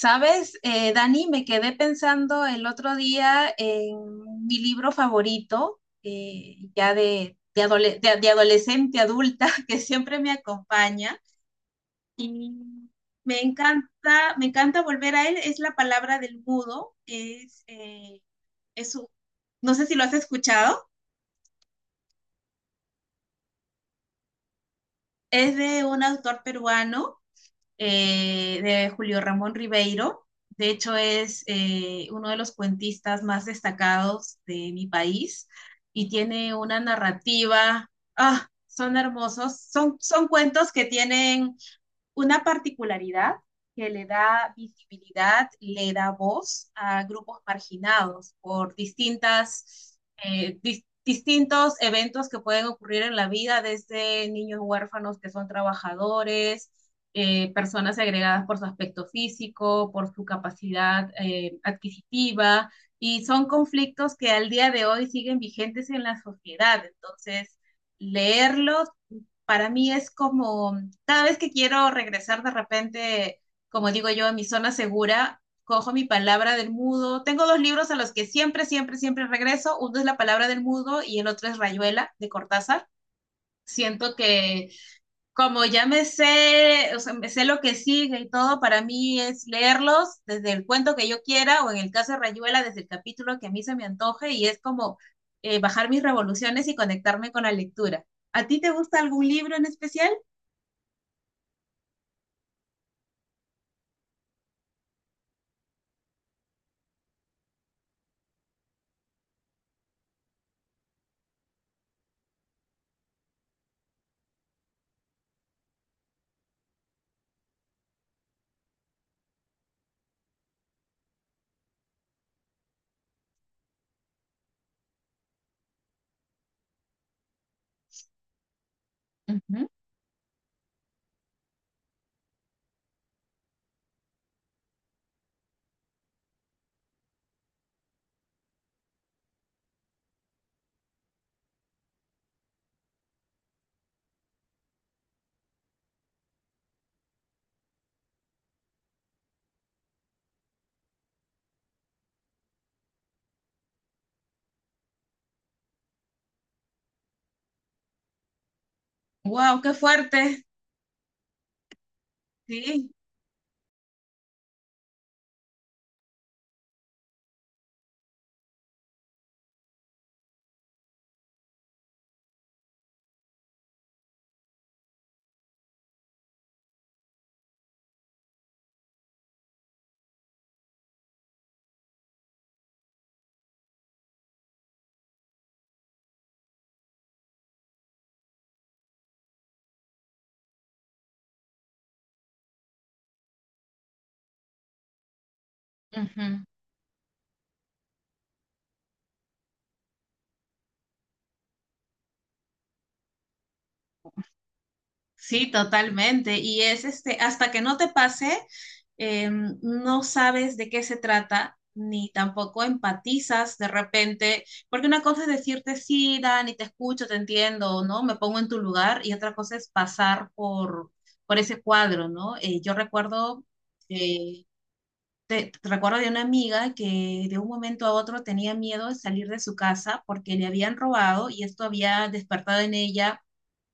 Sabes, Dani, me quedé pensando el otro día en mi libro favorito, ya de adolescente, adulta, que siempre me acompaña. Y me encanta volver a él. Es La palabra del mudo. Es un- no sé si lo has escuchado. Es de un autor peruano, de Julio Ramón Ribeiro. De hecho, es uno de los cuentistas más destacados de mi país y tiene una narrativa. Ah, son hermosos. Son cuentos que tienen una particularidad que le da visibilidad, le da voz a grupos marginados por distintos eventos que pueden ocurrir en la vida, desde niños huérfanos que son trabajadores, personas segregadas por su aspecto físico, por su capacidad adquisitiva, y son conflictos que al día de hoy siguen vigentes en la sociedad. Entonces, leerlos para mí es como cada vez que quiero regresar de repente, como digo yo, a mi zona segura, cojo mi palabra del mudo. Tengo dos libros a los que siempre, siempre, siempre regreso. Uno es La palabra del mudo y el otro es Rayuela de Cortázar. Siento que como ya me sé, o sea, me sé lo que sigue y todo, para mí es leerlos desde el cuento que yo quiera o en el caso de Rayuela desde el capítulo que a mí se me antoje y es como bajar mis revoluciones y conectarme con la lectura. ¿A ti te gusta algún libro en especial? Ujú. Wow, qué fuerte. Sí, Ujú. Sí, totalmente. Y es este, hasta que no te pase, no sabes de qué se trata, ni tampoco empatizas de repente, porque una cosa es decirte sí, Dani, te escucho, te entiendo, ¿no? Me pongo en tu lugar, y otra cosa es pasar por ese cuadro, ¿no? Yo recuerdo eh, te recuerdo de una amiga que de un momento a otro tenía miedo de salir de su casa porque le habían robado y esto había despertado en ella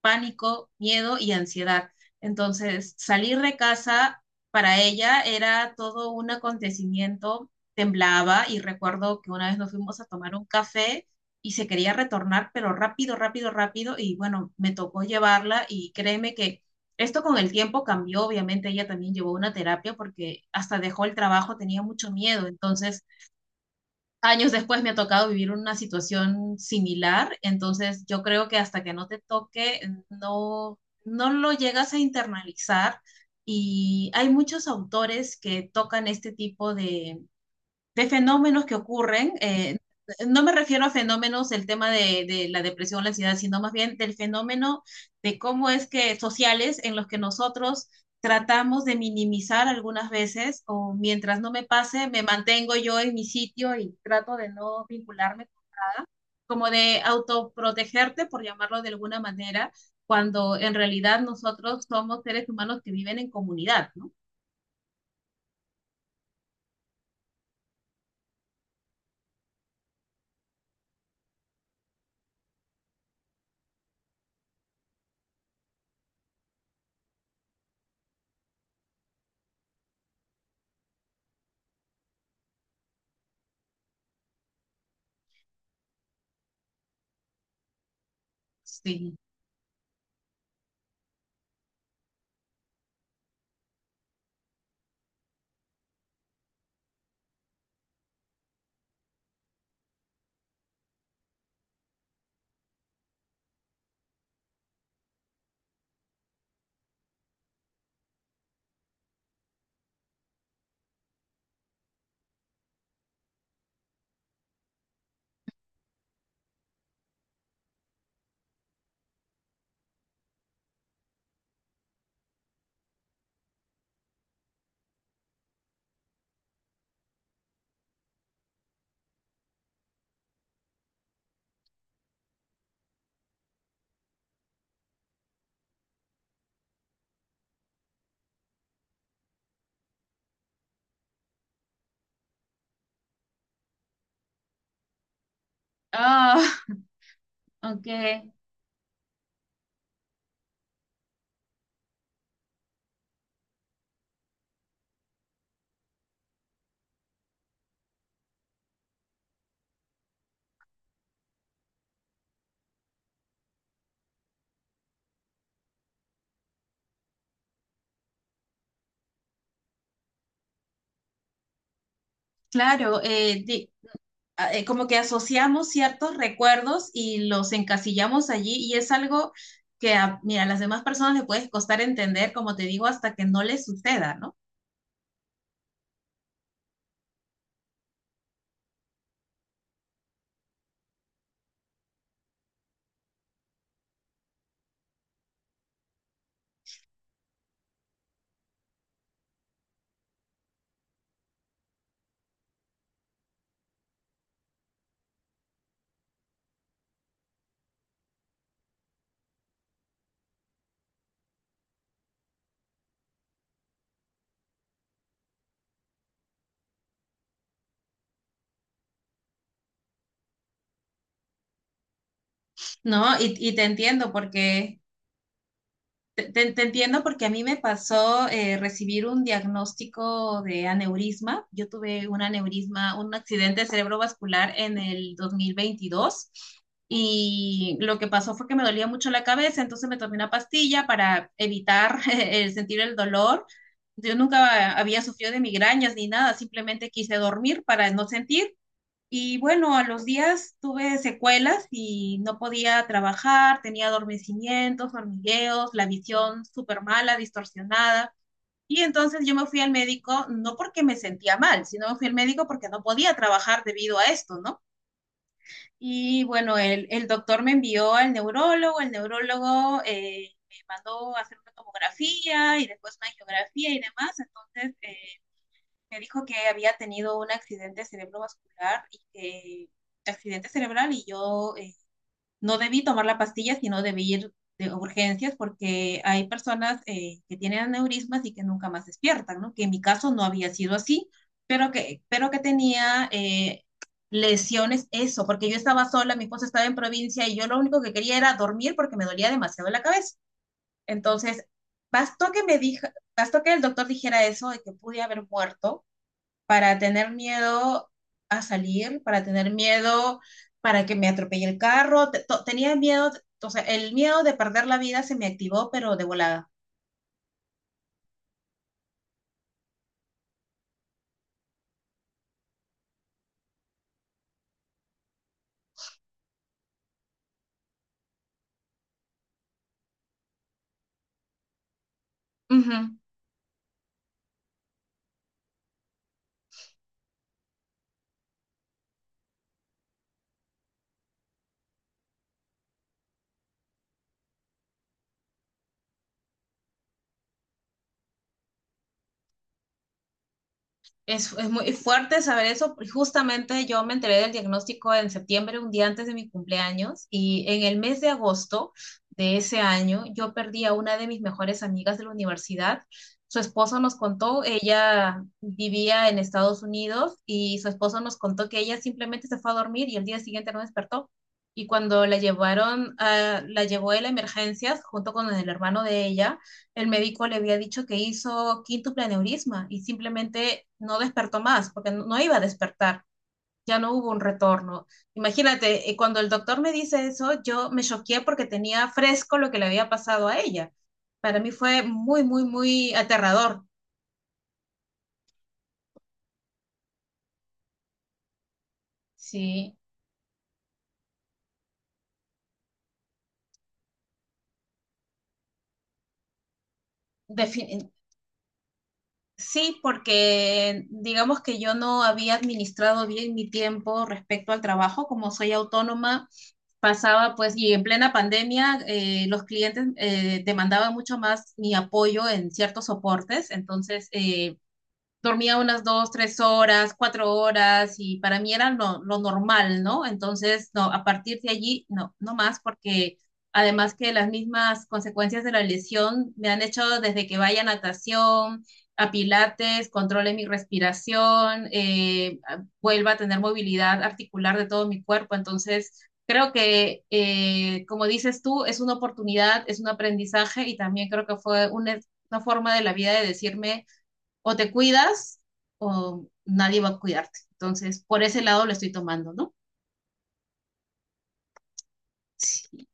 pánico, miedo y ansiedad. Entonces, salir de casa para ella era todo un acontecimiento, temblaba y recuerdo que una vez nos fuimos a tomar un café y se quería retornar, pero rápido, rápido, rápido y bueno, me tocó llevarla y créeme que esto con el tiempo cambió, obviamente ella también llevó una terapia porque hasta dejó el trabajo, tenía mucho miedo, entonces años después me ha tocado vivir una situación similar, entonces yo creo que hasta que no te toque, no, no lo llegas a internalizar y hay muchos autores que tocan este tipo de fenómenos que ocurren, no me refiero a fenómenos del tema de la depresión, la ansiedad, sino más bien del fenómeno de cómo es que sociales en los que nosotros tratamos de minimizar algunas veces o mientras no me pase, me mantengo yo en mi sitio y trato de no vincularme, como de autoprotegerte, por llamarlo de alguna manera, cuando en realidad nosotros somos seres humanos que viven en comunidad, ¿no? Sí. Ah, ok. Claro, como que asociamos ciertos recuerdos y los encasillamos allí y es algo que a, mira, a las demás personas les puede costar entender, como te digo, hasta que no les suceda, ¿no? ¿No? Y te entiendo porque te entiendo porque a mí me pasó recibir un diagnóstico de aneurisma. Yo tuve un aneurisma, un accidente cerebrovascular en el 2022 y lo que pasó fue que me dolía mucho la cabeza, entonces me tomé una pastilla para evitar el sentir el dolor. Yo nunca había sufrido de migrañas ni nada, simplemente quise dormir para no sentir y bueno, a los días tuve secuelas y no podía trabajar, tenía adormecimientos, hormigueos, la visión súper mala, distorsionada. Y entonces yo me fui al médico, no porque me sentía mal, sino me fui al médico porque no podía trabajar debido a esto, ¿no? Y bueno, el doctor me envió al neurólogo, el neurólogo me mandó a hacer una tomografía y después una angiografía y demás. Entonces, me dijo que había tenido un accidente cerebrovascular y que accidente cerebral y yo, no debí tomar la pastilla, sino debí ir de urgencias porque hay personas que tienen aneurismas y que nunca más despiertan, ¿no? Que en mi caso no había sido así, pero que tenía lesiones, eso, porque yo estaba sola, mi esposa estaba en provincia y yo lo único que quería era dormir porque me dolía demasiado la cabeza. Entonces, bastó que me dijo, bastó que el doctor dijera eso de que pude haber muerto para tener miedo a salir, para tener miedo para que me atropelle el carro. Tenía miedo, o sea, el miedo de perder la vida se me activó, pero de volada. Ujú. Es muy fuerte saber eso. Justamente yo me enteré del diagnóstico en septiembre, un día antes de mi cumpleaños, y en el mes de agosto de ese año yo perdí a una de mis mejores amigas de la universidad. Su esposo nos contó, ella vivía en Estados Unidos y su esposo nos contó que ella simplemente se fue a dormir y el día siguiente no despertó. Y cuando la llevaron, la llevó él a la emergencia junto con el hermano de ella, el médico le había dicho que hizo quíntuple aneurisma y simplemente no despertó más, porque no, no iba a despertar, ya no hubo un retorno. Imagínate, cuando el doctor me dice eso, yo me choqué porque tenía fresco lo que le había pasado a ella. Para mí fue muy, muy, muy aterrador. Sí. Defin- sí, porque digamos que yo no había administrado bien mi tiempo respecto al trabajo, como soy autónoma pasaba pues, y en plena pandemia los clientes demandaban mucho más mi apoyo en ciertos soportes, entonces dormía unas dos, tres horas, cuatro horas y para mí era lo normal, ¿no? Entonces, no, a partir de allí, no, no más porque además que las mismas consecuencias de la lesión me han hecho desde que vaya a natación, a pilates, controle mi respiración, vuelva a tener movilidad articular de todo mi cuerpo. Entonces, creo que, como dices tú, es una oportunidad, es un aprendizaje y también creo que fue una forma de la vida de decirme o te cuidas o nadie va a cuidarte. Entonces, por ese lado lo estoy tomando, ¿no? Sí.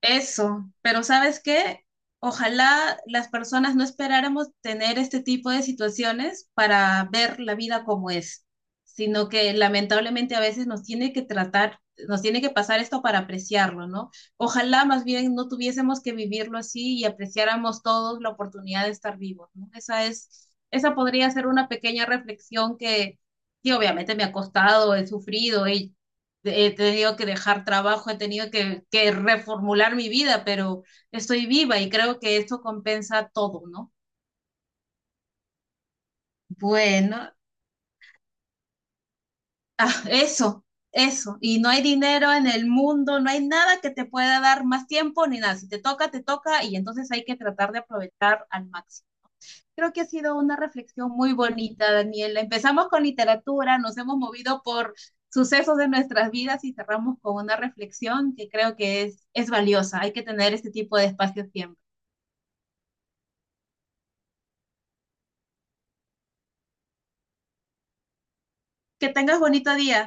Eso, pero ¿sabes qué? Ojalá las personas no esperáramos tener este tipo de situaciones para ver la vida como es, sino que lamentablemente a veces nos tiene que tratar, nos tiene que pasar esto para apreciarlo, ¿no? Ojalá más bien no tuviésemos que vivirlo así y apreciáramos todos la oportunidad de estar vivos, ¿no? Esa es, esa podría ser una pequeña reflexión que, sí, obviamente me ha costado, he sufrido, he tenido que dejar trabajo, he tenido que reformular mi vida, pero estoy viva y creo que esto compensa todo, ¿no? Bueno, ah, eso, eso. Y no hay dinero en el mundo, no hay nada que te pueda dar más tiempo ni nada. Si te toca, te toca y entonces hay que tratar de aprovechar al máximo. Creo que ha sido una reflexión muy bonita, Daniela. Empezamos con literatura, nos hemos movido por sucesos de nuestras vidas y cerramos con una reflexión que creo que es valiosa. Hay que tener este tipo de espacios siempre. Que tengas bonito día.